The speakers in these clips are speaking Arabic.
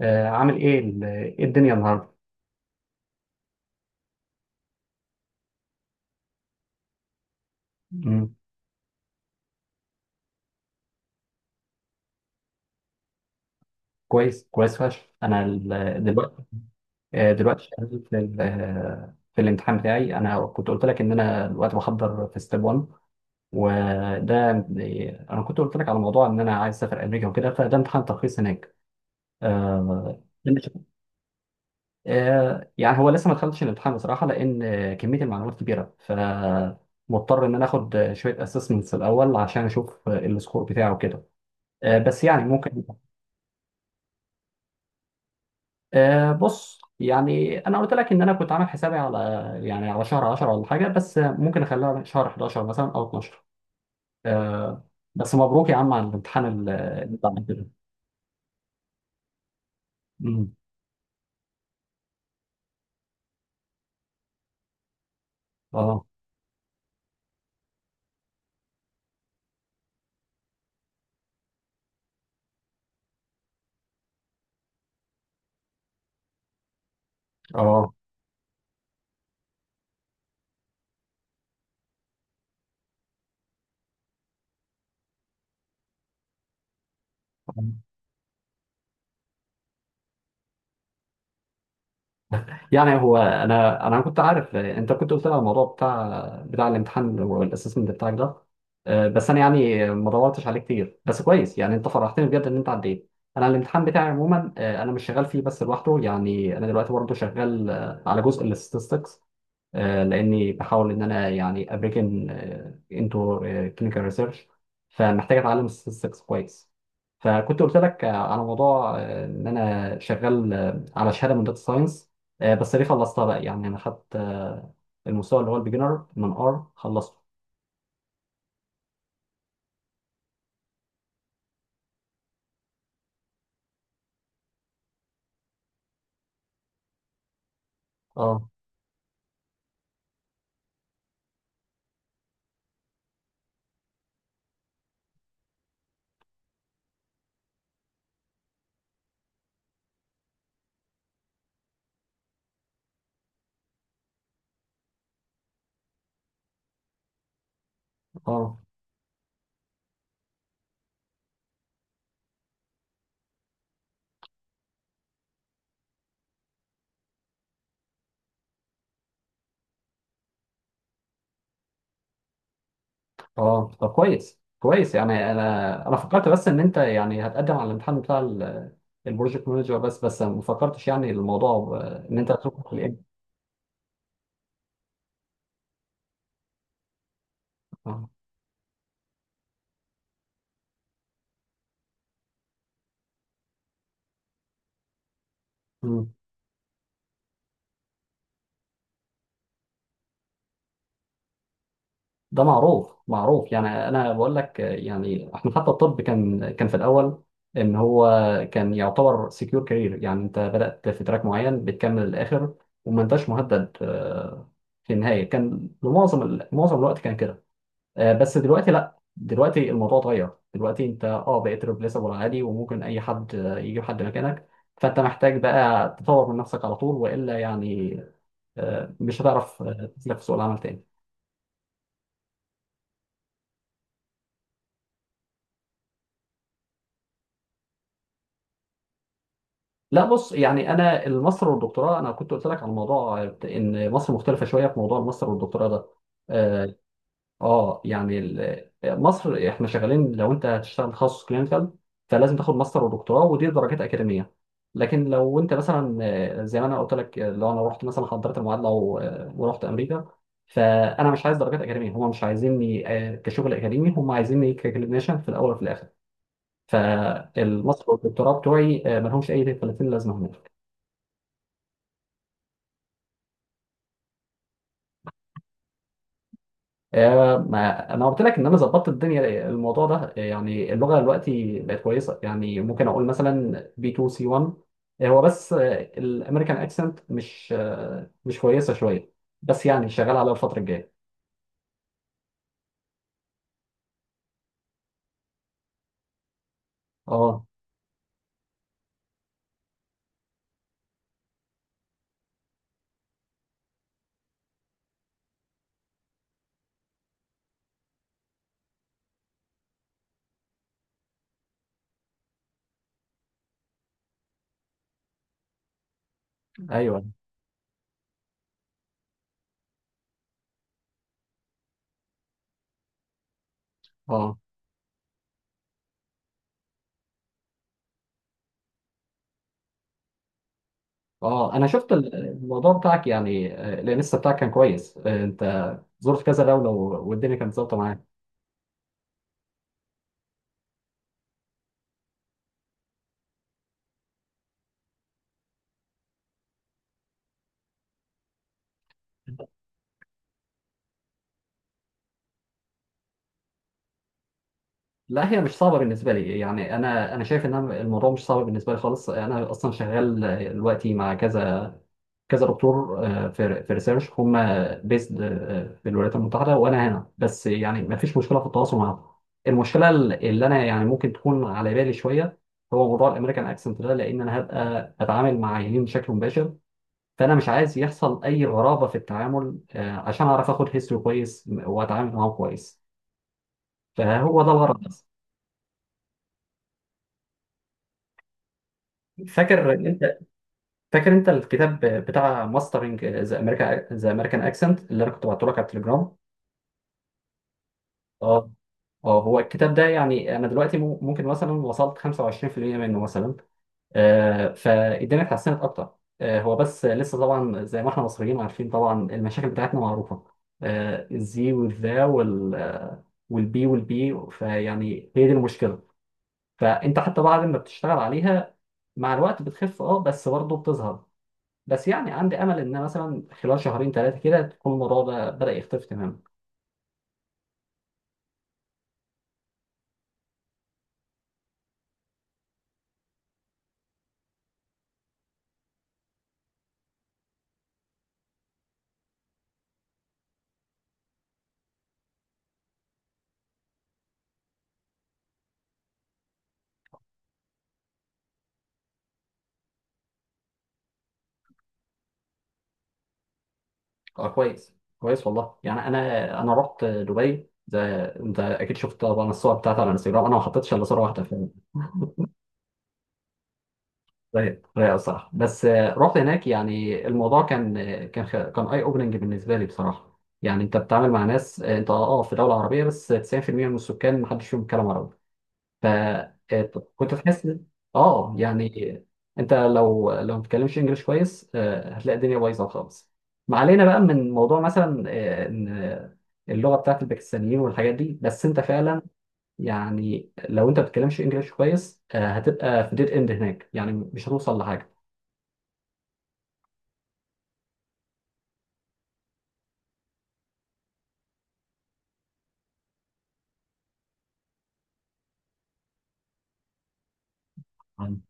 عامل ايه إيه الدنيا النهارده. مم. كويس كويس فشخ انا دلوقتي دلوقتي شغال في في الامتحان بتاعي. انا كنت قلت لك ان انا دلوقتي بحضر في ستيب 1، وده انا كنت قلت لك على موضوع ان انا عايز اسافر امريكا وكده، فده امتحان ترخيص هناك. آه، أنا شايف- يعني هو لسه ما دخلتش الامتحان بصراحه، لان كميه المعلومات كبيره، ف مضطر ان انا اخد شويه اسسمنتس الاول عشان اشوف السكور بتاعه كده. بس يعني ممكن بص، يعني انا قلت لك ان انا كنت عامل حسابي على يعني على شهر 10 ولا حاجه، بس ممكن اخليها شهر 11 مثلا او 12. أه. بس مبروك يا عم على الامتحان اللي انت عملته ده. أمم، اه. اه. آه. يعني هو انا كنت عارف انت كنت قلت لي على الموضوع بتاع الامتحان والاسسمنت بتاعك ده. أه، بس انا يعني ما دورتش عليه كتير. بس كويس يعني، انت فرحتني بجد ان انت عديت. انا الامتحان بتاعي عموما انا مش شغال فيه بس لوحده، يعني انا دلوقتي برضه شغال على جزء الاستاتستكس، لاني بحاول ان انا يعني ابريكن انتو كلينيكال ريسيرش، فمحتاج اتعلم الستاتستكس كويس. فكنت قلت لك على موضوع ان انا شغال على شهاده من داتا ساينس. بس دي خلصتها بقى، يعني انا خدت المستوى اللي هو البيجنر من ار، خلصته. اه. اه. اه، طب كويس كويس. يعني انا فكرت بس ان انت يعني هتقدم على الامتحان بتاع البروجكت مانجر، بس ما فكرتش يعني الموضوع ان انت هتدخل في الام ده. معروف معروف. يعني انا بقول لك يعني احنا حتى الطب كان في الاول ان هو كان يعتبر سكيور كارير، يعني انت بدأت في تراك معين بتكمل للاخر، وما انتش مهدد. في النهاية كان معظم الوقت كان كده. بس دلوقتي لا، دلوقتي الموضوع اتغير، دلوقتي انت اه بقيت ريبليسبل عادي، وممكن اي حد يجيب حد مكانك. فانت محتاج بقى تطور من نفسك على طول، والا يعني مش هتعرف تسلك في سوق العمل تاني. لا بص، يعني انا الماستر والدكتوراه، انا كنت قلت لك على الموضوع ان مصر مختلفه شويه في موضوع الماستر والدكتوراه ده. اه. مصر احنا شغالين، لو انت هتشتغل تخصص كلينيكال فلازم تاخد ماستر ودكتوراه، ودي درجات اكاديميه. لكن لو انت مثلا زي ما انا قلت لك، لو انا رحت مثلا حضرت المعادله ورحت امريكا، فانا مش عايز درجات اكاديميه، هم مش عايزيني كشغل اكاديمي، هم عايزيني ككلينيشن في الاول وفي الاخر. فالماستر والدكتوراه بتوعي ملهمش اي 30 لازمه هناك. ما انا قلت لك ان انا ظبطت الدنيا الموضوع ده. يعني اللغه دلوقتي بقت كويسه، يعني ممكن اقول مثلا بي 2 سي 1. هو بس الامريكان اكسنت مش كويسه شويه، بس يعني شغال على الفتره الجايه. اه. ايوه. اه. اه، انا شفت الموضوع بتاعك يعني، لسه بتاعك كان كويس. انت زرت كذا دوله والدنيا كانت ظابطه معاك. لا، هي مش صعبة بالنسبة لي، يعني أنا شايف إن أنا الموضوع مش صعب بالنسبة لي خالص. أنا أصلا شغال دلوقتي مع كذا دكتور آه، في ريسيرش، هم بيسد في الولايات المتحده وانا هنا، بس يعني ما فيش مشكله في التواصل معاهم. المشكله اللي انا يعني ممكن تكون على بالي شويه، هو موضوع الامريكان اكسنت ده، لان انا هبقى اتعامل مع عيانين بشكل مباشر. فانا مش عايز يحصل اي غرابه في التعامل، عشان اعرف اخد هيستوري كويس واتعامل معاهم كويس. فهو ده الغرض بس. فاكر انت فاكر انت الكتاب بتاع ماسترنج ذا امريكان اكسنت، اللي انا كنت بعته لك على التليجرام. اه. اه، هو الكتاب ده يعني انا دلوقتي ممكن مثلا وصلت 25% منه مثلا، فالدنيا اتحسنت اكتر. هو بس لسه طبعا زي ما احنا مصريين عارفين، طبعا المشاكل بتاعتنا معروفه. الزي والذا والبي فيعني هي دي المشكله. فانت حتى بعد ما بتشتغل عليها مع الوقت بتخف اه، بس برضه بتظهر. بس يعني عندي امل ان مثلا خلال شهرين ثلاثه كده تكون الموضوع ده بدا يختفي تماما. اه كويس. كويس والله، يعني انا رحت دبي. زي انت اكيد شفت طبعا الصور بتاعتي على انستغرام، انا ما حطيتش الا صوره واحده في زي الصراحه. بس رحت هناك، يعني الموضوع كان كان اي اوبننج بالنسبه لي بصراحه. يعني انت بتتعامل مع ناس انت اه في دوله عربيه، بس 90% من السكان ما حدش فيهم بيتكلم عربي. فكنت تحس اه. يعني انت لو ما بتتكلمش انجليش كويس هتلاقي الدنيا بايظه خالص. ما علينا بقى من موضوع مثلا ان اللغه بتاعت الباكستانيين والحاجات دي. بس انت فعلا يعني لو انت ما بتتكلمش انجليش كويس هتبقى في ديد اند هناك، يعني مش هتوصل لحاجه. مم.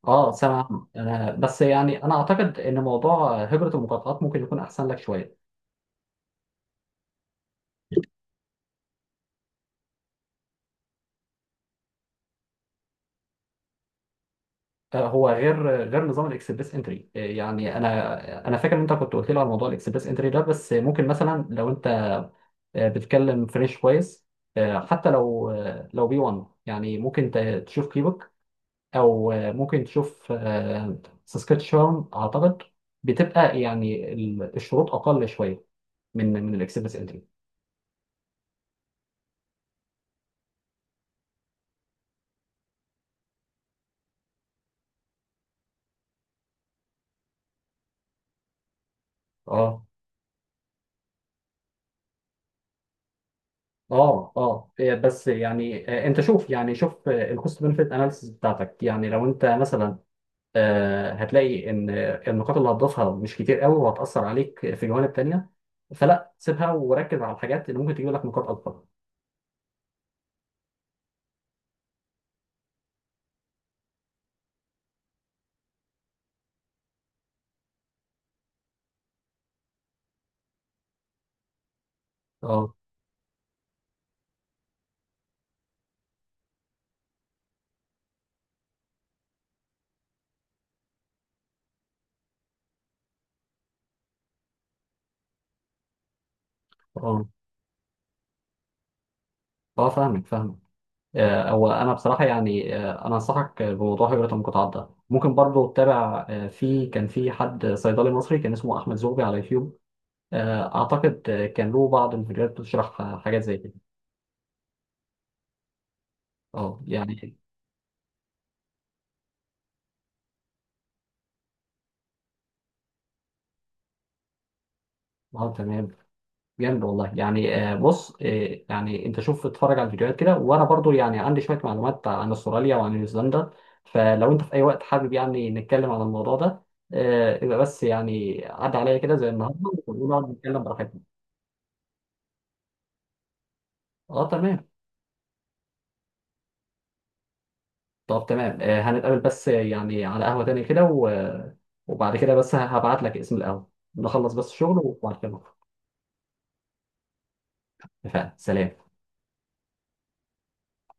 اه، سامع عنه. بس يعني انا اعتقد ان موضوع هجره المقاطعات ممكن يكون احسن لك شويه. هو غير نظام الاكسبريس انتري. يعني انا فاكر ان انت كنت قلت لي على موضوع الاكسبريس انتري ده. بس ممكن مثلا لو انت بتتكلم فرنش كويس، حتى لو لو بي 1، يعني ممكن تشوف كيبك، او ممكن تشوف ساسكاتشوان اعتقد، بتبقى يعني الشروط اقل شويه من الاكسبريس انتري. اه. اه. اه بس يعني انت شوف، يعني شوف الكوست بنفيت اناليسيس بتاعتك. يعني لو انت مثلا هتلاقي ان النقاط اللي هتضيفها مش كتير قوي، وهتأثر عليك في جوانب تانية، فلا سيبها وركز على الحاجات اللي ممكن تجيب لك نقاط اكبر. اه. اه. اه فاهمك فاهمك. او انا بصراحه يعني انا انصحك بموضوع هجره المقاطعات ده. ممكن برضو تتابع في كان في حد صيدلي مصري كان اسمه احمد زوبي على يوتيوب. اعتقد كان له بعض الفيديوهات بتشرح حاجات زي كده. اه يعني. اه تمام. جامد والله. يعني بص يعني انت شوف اتفرج على الفيديوهات كده، وانا برضو يعني عندي شويه معلومات عن استراليا وعن نيوزيلندا. فلو انت في اي وقت حابب يعني نتكلم عن الموضوع ده، يبقى بس يعني عدى عليا كده زي النهارده ونقعد نتكلم براحتنا. اه تمام. طب تمام هنتقابل بس يعني على قهوه تاني كده، وبعد كده بس هبعت لك اسم القهوه. نخلص بس شغل وبعد كده نخرج. اتفقنا، سلام.